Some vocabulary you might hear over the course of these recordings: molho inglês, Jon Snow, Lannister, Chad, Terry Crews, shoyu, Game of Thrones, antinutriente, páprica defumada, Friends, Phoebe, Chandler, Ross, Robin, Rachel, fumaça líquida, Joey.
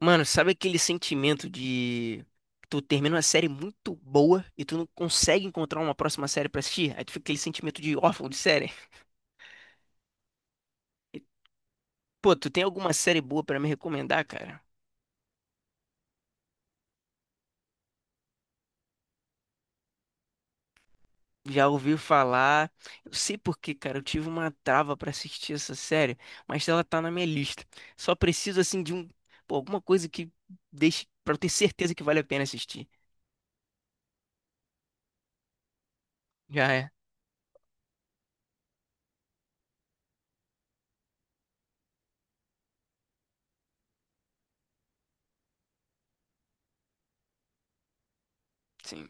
Mano, sabe aquele sentimento de tu termina uma série muito boa e tu não consegue encontrar uma próxima série pra assistir? Aí tu fica aquele sentimento de órfão de série. E, Pô, tu tem alguma série boa pra me recomendar, cara? Já ouvi falar. Eu sei por quê, cara. Eu tive uma trava pra assistir essa série, mas ela tá na minha lista. Só preciso assim pô, alguma coisa que deixe pra eu ter certeza que vale a pena assistir. Já é. Sim.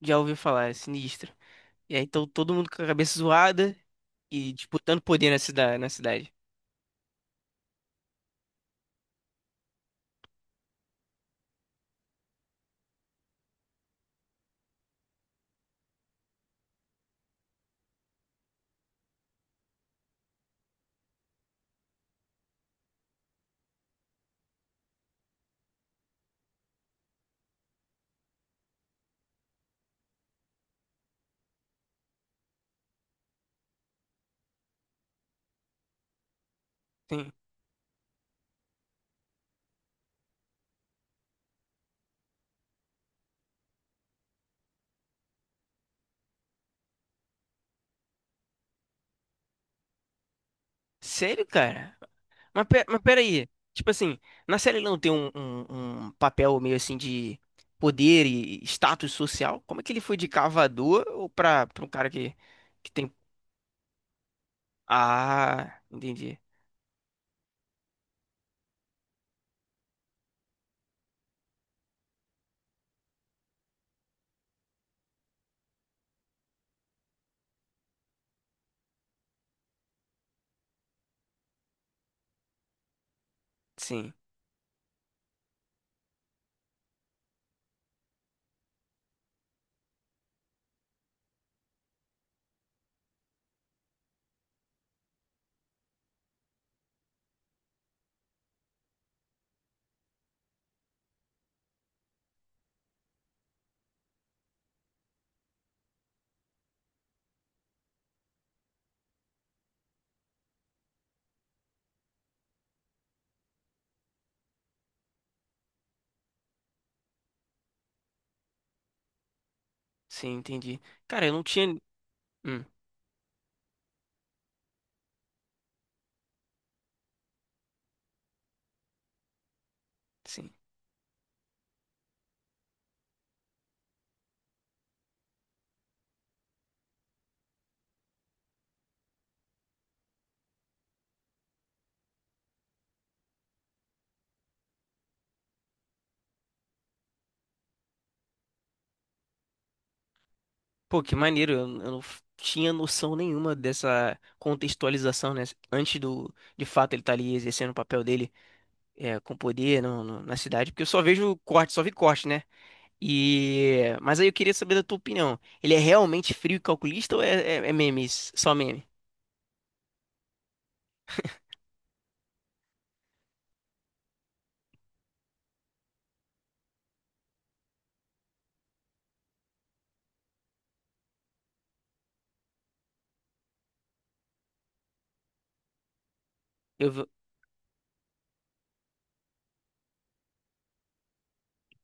Já ouvi falar, é sinistra. E aí, então, todo mundo com a cabeça zoada e disputando poder na cidade. Sim. Sério, cara? Mas, peraí. Tipo assim, na série não tem um papel meio assim de poder e status social? Como é que ele foi de cavador ou pra, pra um cara que tem. Ah, entendi. Sim, sim, entendi. Cara, eu não tinha. Hum, sim. Pô, que maneiro, eu não tinha noção nenhuma dessa contextualização, né? Antes de fato, ele tá ali exercendo o papel dele é, com poder na cidade, porque eu só vejo corte, só vi corte, né? E... Mas aí eu queria saber da tua opinião. Ele é realmente frio e calculista memes, só meme?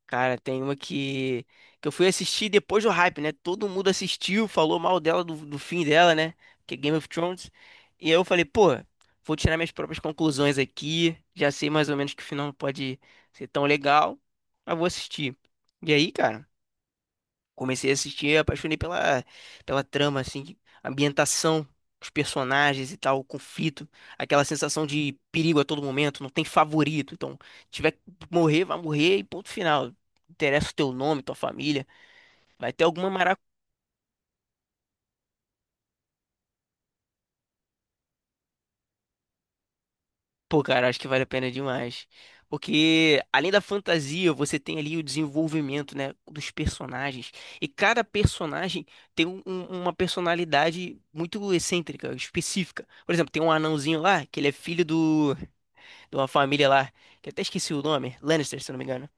Cara, tem uma que eu fui assistir depois do hype, né? Todo mundo assistiu, falou mal dela, do fim dela, né? Que é Game of Thrones. E aí eu falei, pô, vou tirar minhas próprias conclusões aqui. Já sei mais ou menos que o final não pode ser tão legal, mas vou assistir. E aí, cara? Comecei a assistir, apaixonei pela trama, assim, ambientação, os personagens e tal, o conflito, aquela sensação de perigo a todo momento, não tem favorito. Então, tiver que morrer, vai morrer e ponto final. Não interessa o teu nome, tua família. Vai ter alguma. Pô, cara, acho que vale a pena demais. Porque além da fantasia, você tem ali o desenvolvimento, né, dos personagens. E cada personagem tem uma personalidade muito excêntrica, específica. Por exemplo, tem um anãozinho lá, que ele é filho de uma família lá, que eu até esqueci o nome, Lannister, se eu não me engano.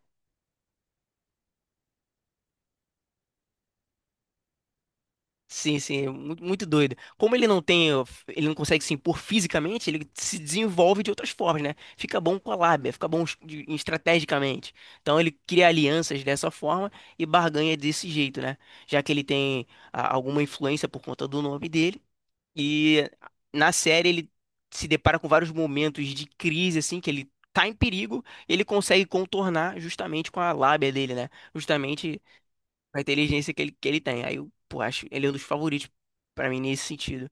Sim, sim, é muito doido. Como ele não tem, ele não consegue se impor fisicamente, ele se desenvolve de outras formas, né? Fica bom com a lábia, fica bom estrategicamente. Então ele cria alianças dessa forma e barganha desse jeito, né? Já que ele tem alguma influência por conta do nome dele. E na série ele se depara com vários momentos de crise, assim, que ele tá em perigo, ele consegue contornar justamente com a lábia dele, né? Justamente com a inteligência que ele tem. Aí eu, pô, acho ele é um dos favoritos pra mim nesse sentido.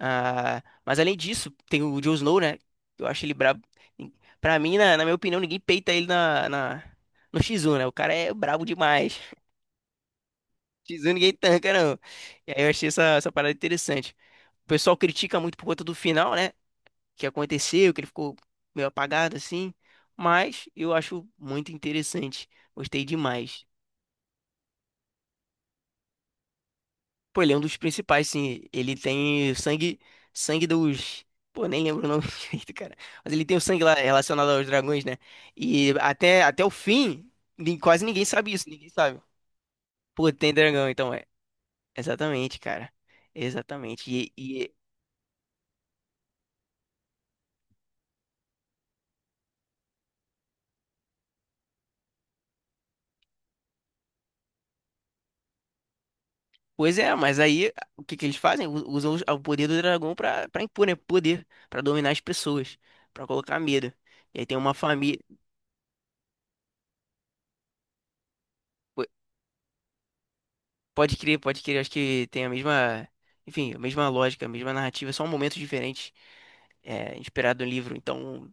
Ah, mas além disso, tem o Jon Snow, né? Eu acho ele brabo. Pra mim, na minha opinião, ninguém peita ele no X1, né? O cara é brabo demais. X1 ninguém tanca, não. E aí eu achei essa parada interessante. O pessoal critica muito por conta do final, né? Que aconteceu, que ele ficou meio apagado assim. Mas eu acho muito interessante. Gostei demais. Pô, ele é um dos principais, sim. Ele tem sangue, sangue dos. Pô, nem lembro o nome direito, cara. Mas ele tem o sangue lá relacionado aos dragões, né? E até o fim, quase ninguém sabe isso, ninguém sabe. Pô, tem dragão, então é. Exatamente, cara. Exatamente. Pois é, mas aí o que que eles fazem? Usam o poder do dragão pra impor, né? Poder, pra dominar as pessoas, pra colocar medo. E aí tem uma família. Pode crer, pode crer. Acho que tem enfim, a mesma lógica, a mesma narrativa, só um momento diferente, é, inspirado no livro. Então,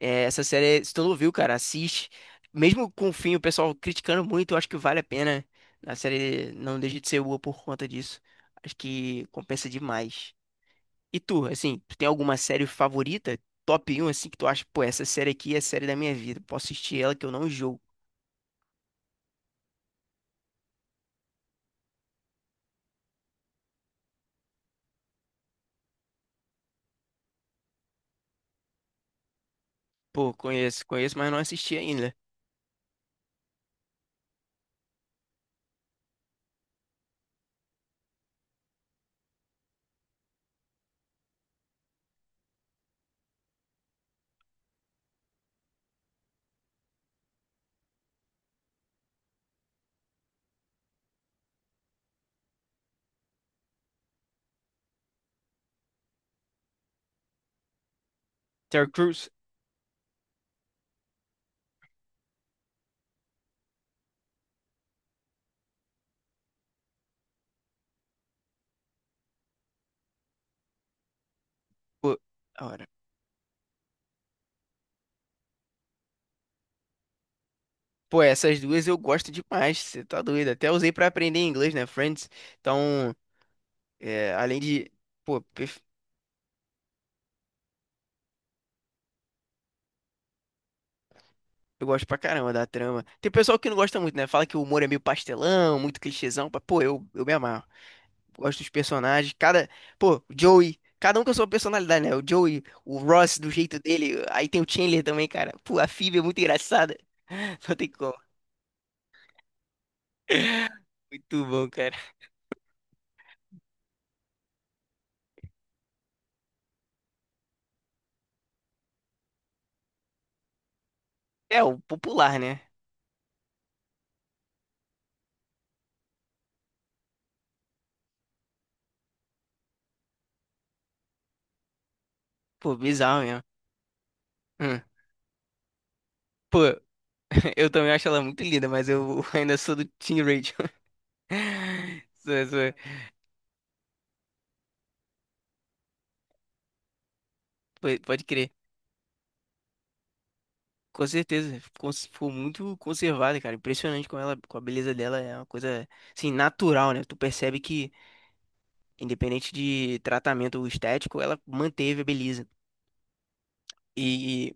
é, essa série, se tu não viu, cara, assiste. Mesmo com o fim, o pessoal criticando muito, eu acho que vale a pena. A série não deixa de ser boa por conta disso. Acho que compensa demais. E tu, assim, tu tem alguma série favorita? Top um assim, que tu acha, pô, essa série aqui é a série da minha vida. Posso assistir ela que eu não jogo. Pô, conheço, conheço, mas não assisti ainda. Terry Crews, pô, da hora. Pô, essas duas eu gosto demais, você tá doido. Até usei pra aprender inglês, né, Friends? Então, é, além de. Pô, eu gosto pra caramba da trama. Tem pessoal que não gosta muito, né? Fala que o humor é meio pastelão, muito clichêzão. Mas, pô, eu me amarro. Gosto dos personagens. Cada. Pô, o Joey. Cada um com a sua personalidade, né? O Joey, o Ross do jeito dele. Aí tem o Chandler também, cara. Pô, a Phoebe é muito engraçada. Não tem como. Muito bom, cara. É, o popular, né? Pô, bizarro mesmo. Hum. Pô. Eu também acho ela muito linda, mas eu ainda sou do Team Rachel. Sou- sou- Pode crer. Com certeza. Ficou muito conservada, cara. Impressionante com ela, com a beleza dela. É uma coisa, assim, natural, né? Tu percebe que, independente de tratamento estético, ela manteve a beleza. E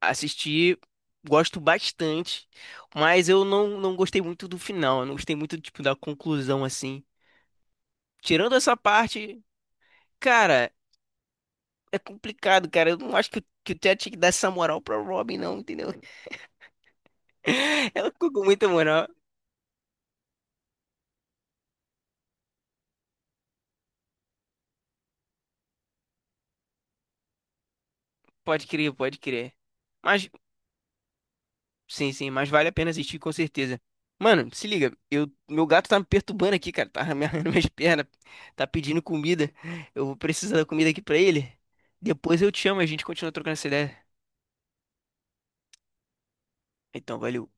assistir, gosto bastante, mas eu não, não gostei muito do final. Eu não gostei muito, tipo, da conclusão, assim. Tirando essa parte, cara. É complicado, cara. Eu não acho que o Chad tinha que dar essa moral pra Robin, não, entendeu? Ela ficou com muita moral. Pode crer, pode crer. Mas, sim, sim, mas vale a pena assistir com certeza. Mano, se liga, meu gato tá me perturbando aqui, cara. Tá amarrando minhas pernas, tá pedindo comida. Eu vou precisar da comida aqui pra ele. Depois eu te chamo e a gente continua trocando essa ideia. Então, valeu.